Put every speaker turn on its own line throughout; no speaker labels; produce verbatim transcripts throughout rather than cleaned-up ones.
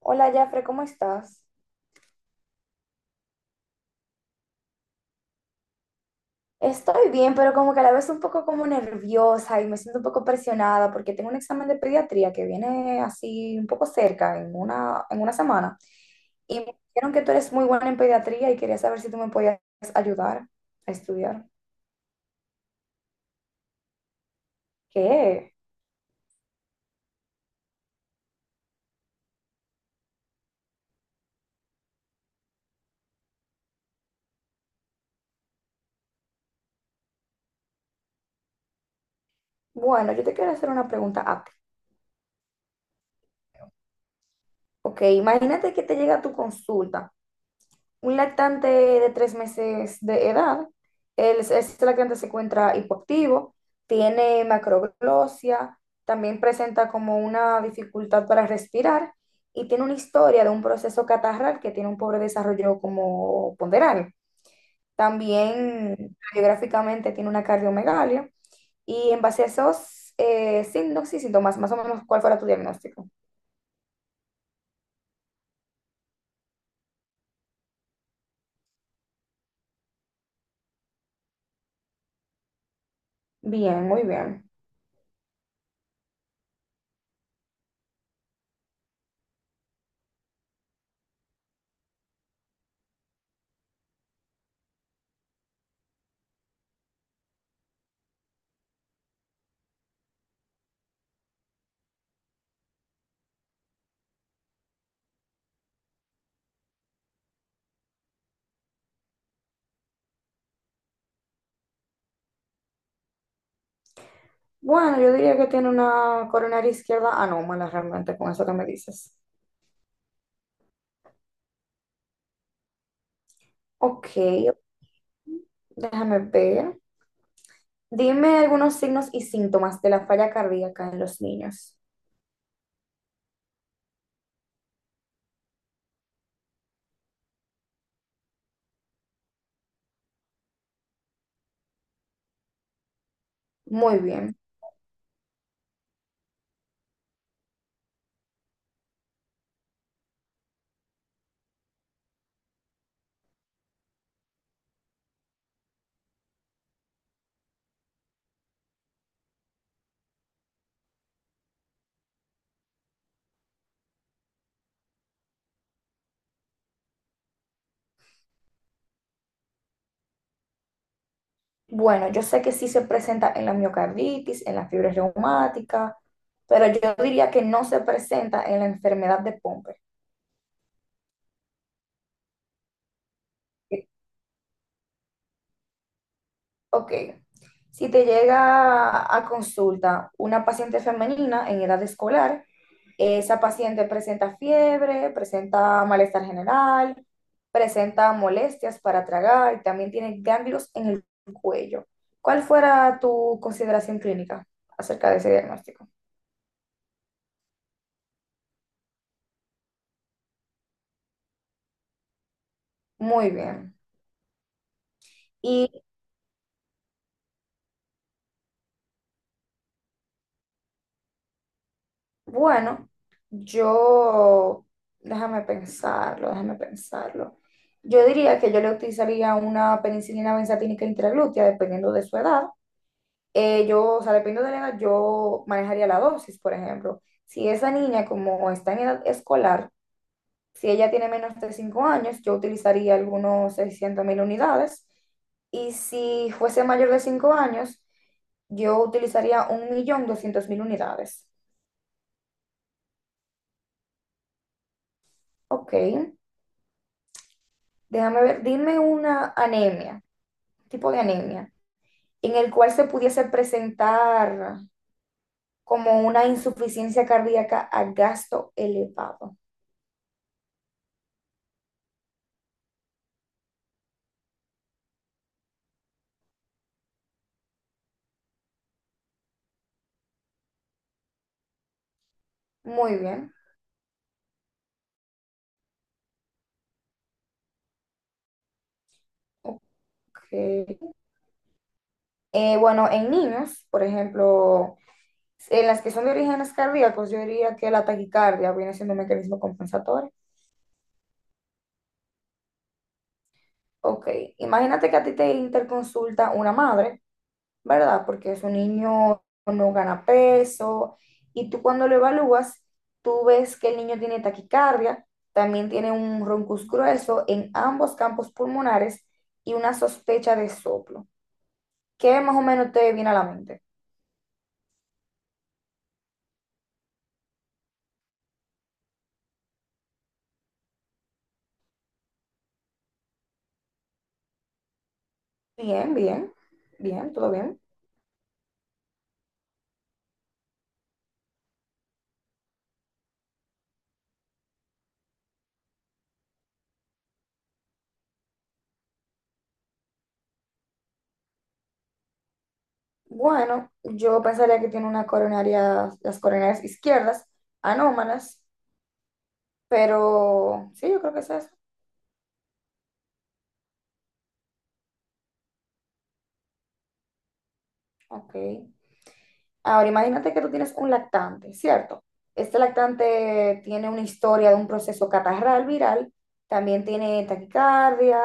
Hola, Jafre, ¿cómo estás? Estoy bien, pero como que a la vez un poco como nerviosa y me siento un poco presionada porque tengo un examen de pediatría que viene así un poco cerca, en una, en una semana. Y me dijeron que tú eres muy buena en pediatría y quería saber si tú me podías ayudar a estudiar. ¿Qué? Bueno, yo te quiero hacer una pregunta a ti. Ok, imagínate que te llega tu consulta. Un lactante de tres meses de edad, el, ese lactante se encuentra hipoactivo, tiene macroglosia, también presenta como una dificultad para respirar y tiene una historia de un proceso catarral que tiene un pobre desarrollo como ponderal. También radiográficamente tiene una cardiomegalia y en base a esos eh, signos y síntomas, más o menos, ¿cuál fuera tu diagnóstico? Bien, muy bien. Bueno, yo diría que tiene una coronaria izquierda anómala realmente con eso que me dices. Ok, déjame ver. Dime algunos signos y síntomas de la falla cardíaca en los niños. Muy bien. Bueno, yo sé que sí se presenta en la miocarditis, en la fiebre reumática, pero yo diría que no se presenta en la enfermedad de Pompe. Ok, si te llega a consulta una paciente femenina en edad escolar, esa paciente presenta fiebre, presenta malestar general, presenta molestias para tragar y también tiene ganglios en el cuello. ¿Cuál fuera tu consideración clínica acerca de ese diagnóstico? Muy bien. Bueno, yo, déjame pensarlo, déjame pensarlo. Yo diría que yo le utilizaría una penicilina benzatínica intraglútea, dependiendo de su edad. Eh, yo, o sea, dependiendo de la edad, yo manejaría la dosis, por ejemplo. Si esa niña, como está en edad escolar, si ella tiene menos de cinco años, yo utilizaría algunos seiscientos mil unidades. Y si fuese mayor de cinco años, yo utilizaría un millón doscientos mil unidades. Ok. Déjame ver, dime una anemia, tipo de anemia, en el cual se pudiese presentar como una insuficiencia cardíaca a gasto elevado. Muy bien, ok. Eh, bueno, en niños, por ejemplo, en las que son de orígenes cardíacos, yo diría que la taquicardia viene siendo un mecanismo compensatorio. Ok, imagínate que a ti te interconsulta una madre, ¿verdad? Porque es un niño no gana peso y tú cuando lo evalúas, tú ves que el niño tiene taquicardia, también tiene un roncus grueso en ambos campos pulmonares y una sospecha de soplo. ¿Qué más o menos te viene a la mente? Bien, bien, bien, todo bien. Bueno, yo pensaría que tiene una coronaria, las coronarias izquierdas, anómalas, pero sí, yo creo que es eso. Ok. Ahora, imagínate que tú tienes un lactante, ¿cierto? Este lactante tiene una historia de un proceso catarral viral, también tiene taquicardia,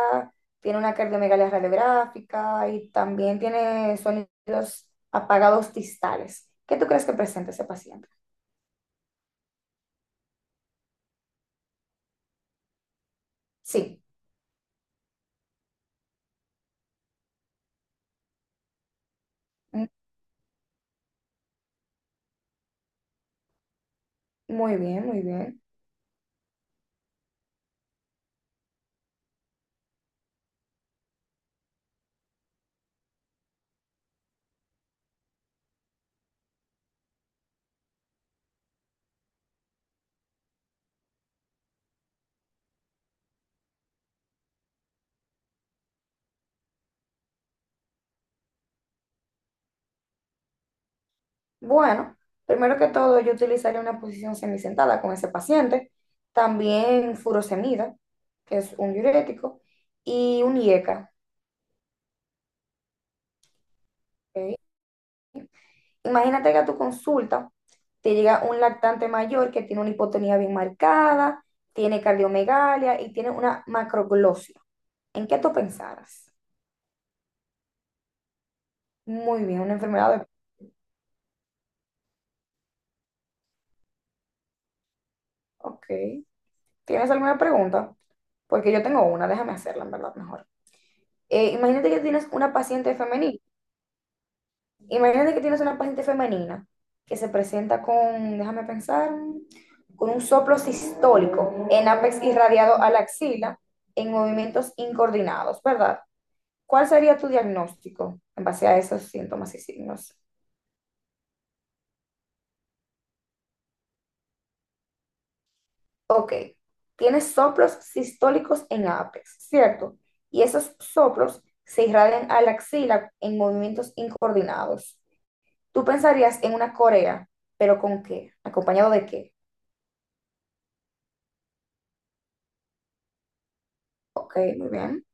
tiene una cardiomegalia radiográfica y también tiene sonidos apagados distales. ¿Qué tú crees que presenta ese paciente? Sí, m- muy bien, muy bien. Bueno, primero que todo, yo utilizaría una posición semisentada con ese paciente, también furosemida, que es un diurético, y un IECA, ¿ok? Imagínate que a tu consulta te llega un lactante mayor que tiene una hipotonía bien marcada, tiene cardiomegalia y tiene una macroglosia. ¿En qué tú pensaras? Muy bien, una enfermedad de... Ok. ¿Tienes alguna pregunta? Porque yo tengo una, déjame hacerla, en verdad, mejor. Eh, imagínate que tienes una paciente femenina. Imagínate que tienes una paciente femenina que se presenta con, déjame pensar, con un soplo sistólico en ápex irradiado a la axila en movimientos incoordinados, ¿verdad? ¿Cuál sería tu diagnóstico en base a esos síntomas y signos? Ok, tienes soplos sistólicos en ápex, ¿cierto? Y esos soplos se irradian a la axila en movimientos incoordinados. Tú pensarías en una corea, pero ¿con qué? ¿Acompañado de qué? Ok, muy bien.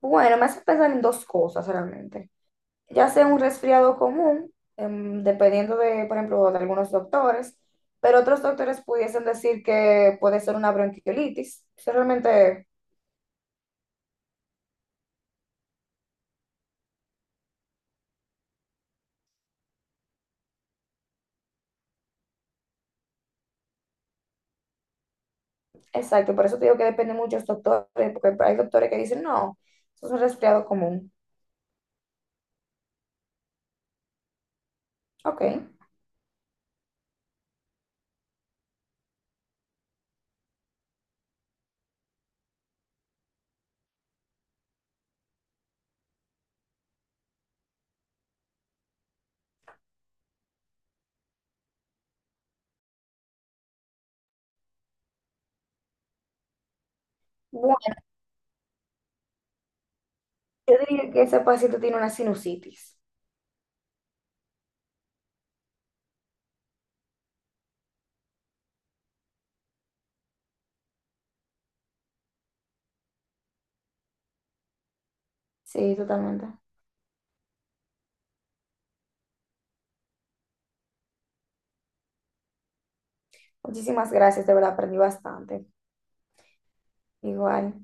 Bueno, me hace pensar en dos cosas realmente. Ya sea un resfriado común, em, dependiendo de, por ejemplo, de algunos doctores, pero otros doctores pudiesen decir que puede ser una bronquiolitis. Eso realmente, exacto, por eso te digo que depende de muchos doctores, porque hay doctores que dicen, no, eso es un resfriado común. Ok. Bueno, yo diría que ese paciente tiene una sinusitis. Sí, totalmente. Muchísimas gracias, de verdad, aprendí bastante. Igual.